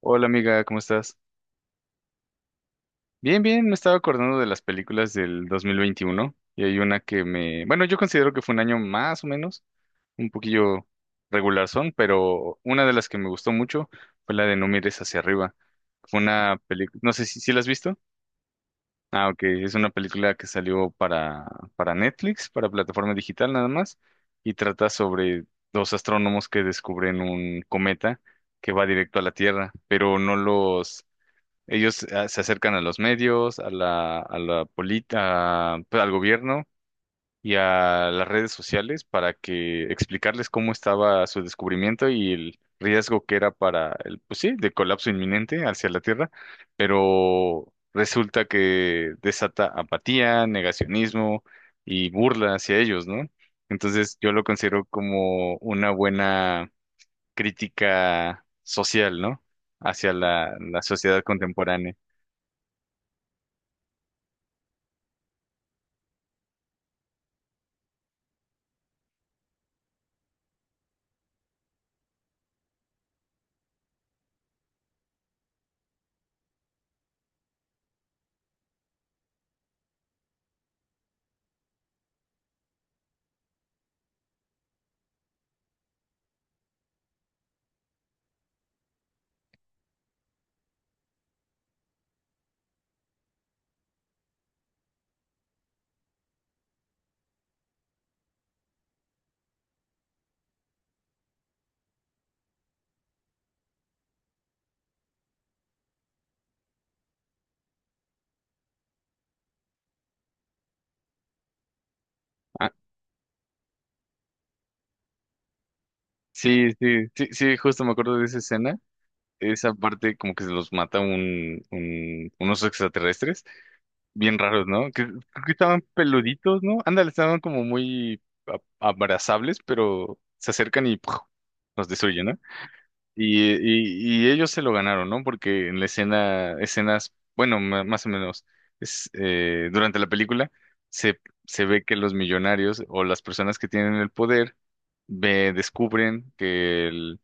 Hola amiga, ¿cómo estás? Bien, me estaba acordando de las películas del 2021 y hay una que yo considero que fue un año más o menos, un poquillo regular son, pero una de las que me gustó mucho fue la de No mires hacia arriba. Fue una película, no sé si la has visto. Ah, ok, es una película que salió para Netflix, para plataforma digital nada más, y trata sobre dos astrónomos que descubren un cometa que va directo a la Tierra, pero no los Ellos se acercan a los medios, a la política, al gobierno y a las redes sociales para que explicarles cómo estaba su descubrimiento y el riesgo que era para el, pues sí, de colapso inminente hacia la Tierra, pero resulta que desata apatía, negacionismo y burla hacia ellos, ¿no? Entonces yo lo considero como una buena crítica social, ¿no?, hacia la sociedad contemporánea. Ah, sí, sí, sí, sí, justo me acuerdo de esa escena. Esa parte como que se los mata unos extraterrestres bien raros, ¿no? Que creo que estaban peluditos, ¿no? Ándale, estaban como muy a- abrazables, pero se acercan y ¡puf!, los destruyen, ¿no? Y ellos se lo ganaron, ¿no? Porque en la escena, escenas, bueno, ma- más o menos, durante la película se, se ve que los millonarios o las personas que tienen el poder descubren que el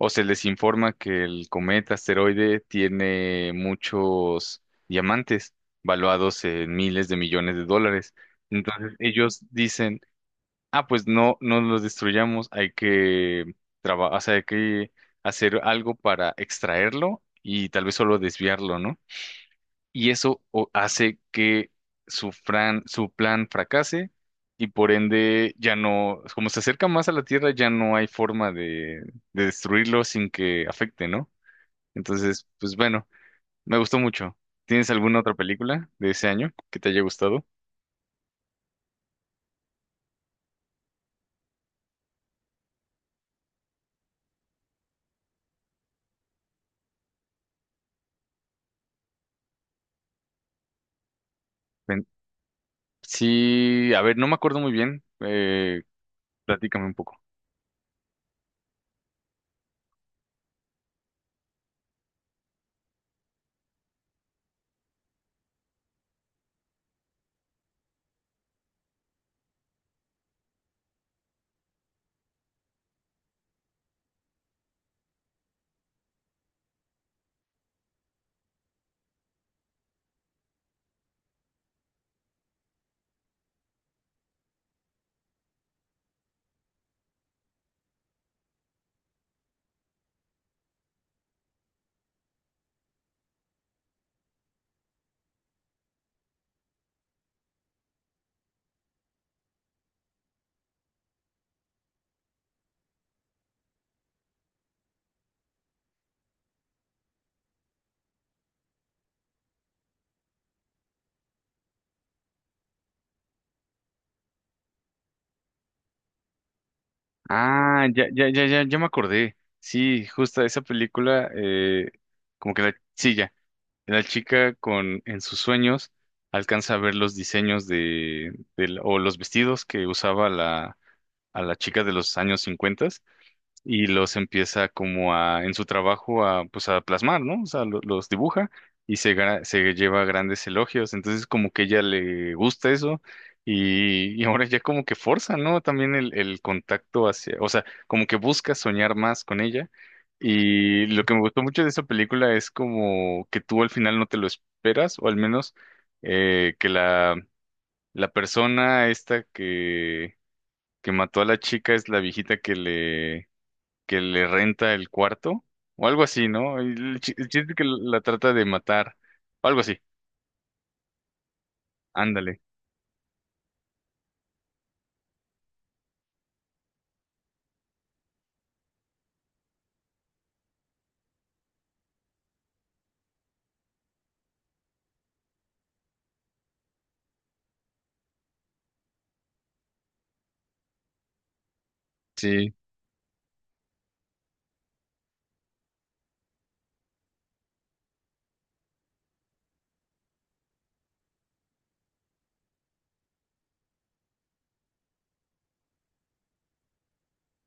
o se les informa que el cometa asteroide tiene muchos diamantes valuados en miles de millones de dólares. Entonces ellos dicen, ah, pues no los destruyamos, hay que trabajar, hay que hacer algo para extraerlo y tal vez solo desviarlo, ¿no? Y eso hace que su plan fracase y por ende ya no, como se acerca más a la Tierra, ya no hay forma de destruirlo sin que afecte, ¿no? Entonces, pues bueno, me gustó mucho. ¿Tienes alguna otra película de ese año que te haya gustado? Ven- Sí, a ver, no me acuerdo muy bien. Platícame un poco. Ah, ya me acordé. Sí, justo esa película, como que la... Sí, ya. La chica con en sus sueños alcanza a ver los diseños o los vestidos que usaba a la chica de los años 50 y los empieza como a, en su trabajo, a, pues a plasmar, ¿no? O sea, los dibuja y se lleva grandes elogios. Entonces, como que ella le gusta eso y ahora ya como que forza, ¿no? También el contacto hacia, o sea, como que busca soñar más con ella. Y lo que me gustó mucho de esa película es como que tú al final no te lo esperas, o al menos que la persona esta que mató a la chica es la viejita que le renta el cuarto o algo así, ¿no? El chiste es que la trata de matar o algo así. Ándale. Sí,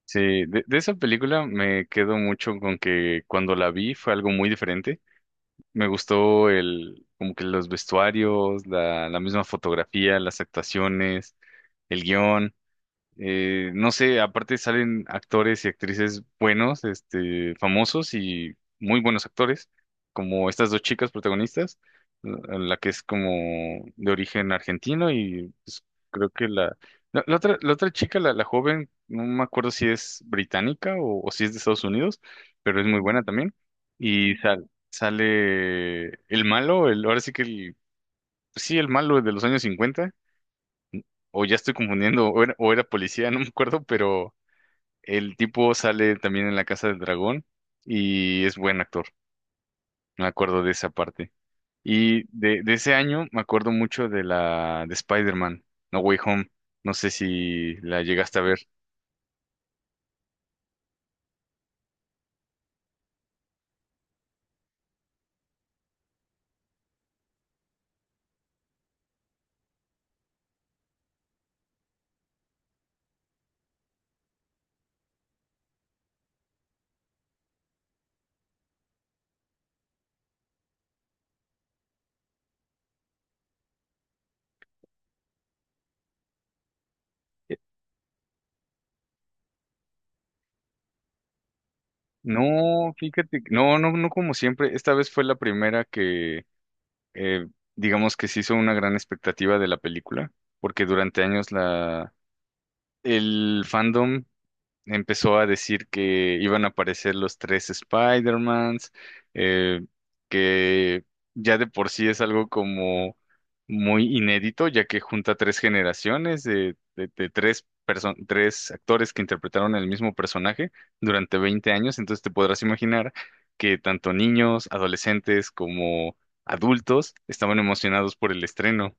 sí. De esa película me quedo mucho con que cuando la vi fue algo muy diferente. Me gustó el, como que los vestuarios, la misma fotografía, las actuaciones, el guión. No sé, aparte salen actores y actrices buenos, este, famosos y muy buenos actores, como estas dos chicas protagonistas, la que es como de origen argentino y pues, creo que la otra, la, otra chica, la joven, no me acuerdo si es británica o si es de Estados Unidos, pero es muy buena también. Y sale el malo, el, ahora sí que el, sí, el malo de los años cincuenta. O ya estoy confundiendo, o era policía, no me acuerdo, pero el tipo sale también en La Casa del Dragón y es buen actor. Me acuerdo de esa parte. Y de ese año me acuerdo mucho de la de Spider-Man, No Way Home. No sé si la llegaste a ver. Eh, No, fíjate, no, no, no como siempre. Esta vez fue la primera que, eh, digamos que se hizo una gran expectativa de la película, porque durante años el fandom empezó a decir que iban a aparecer los tres Spider-Mans, eh, que ya de por sí es algo como muy inédito, ya que junta tres generaciones de tres, tres actores que interpretaron el mismo personaje durante 20 años, entonces te podrás imaginar que tanto niños, adolescentes como adultos estaban emocionados por el estreno.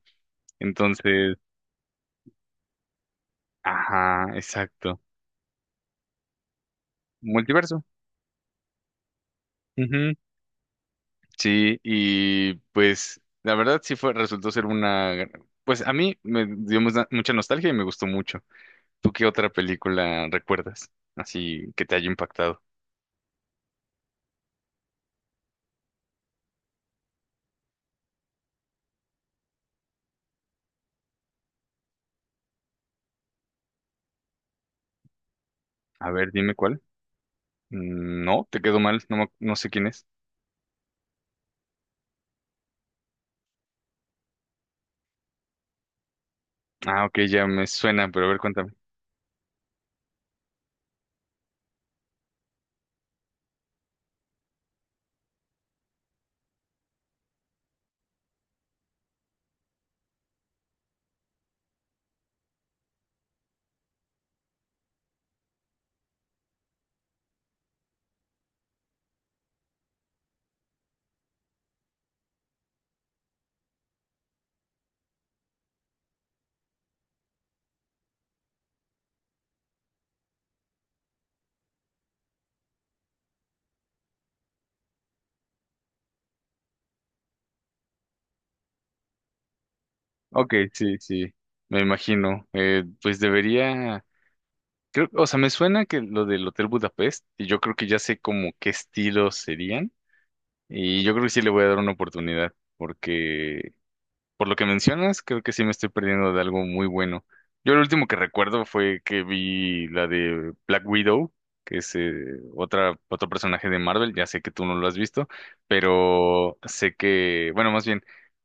Entonces, ajá, exacto. Multiverso. Sí, y pues la verdad sí fue, resultó ser una, gran- pues a mí me dio mucha nostalgia y me gustó mucho. ¿Tú qué otra película recuerdas? Así que te haya impactado. A ver, dime cuál. Mm, no, te quedó mal, no, me no sé quién es. Ah, ok, ya me suena, pero a ver, cuéntame. Ok, sí, sí, me imagino. Pues debería, creo, o sea, me suena que lo del Hotel Budapest, y yo creo que ya sé como qué estilos serían, y yo creo que sí le voy a dar una oportunidad, porque por lo que mencionas, creo que sí me estoy perdiendo de algo muy bueno. Yo lo último que recuerdo fue que vi la de Black Widow, que es otro personaje de Marvel. Ya sé que tú no lo has visto, pero sé que, bueno, más bien,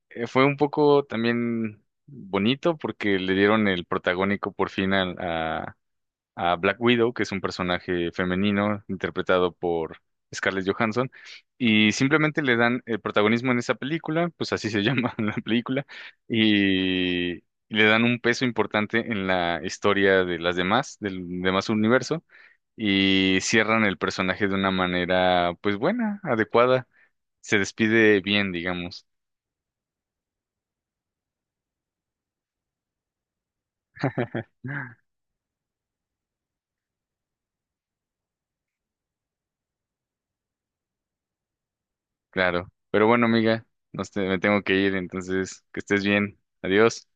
fue un poco también bonito porque le dieron el protagónico por fin a Black Widow, que es un personaje femenino interpretado por Scarlett Johansson, y simplemente le dan el protagonismo en esa película, pues así se llama la película, y le dan un peso importante en la historia de las demás, del demás universo, y cierran el personaje de una manera, pues buena, adecuada, se despide bien, digamos, claro. Pero bueno, amiga, me tengo que ir, entonces, que estés bien, adiós.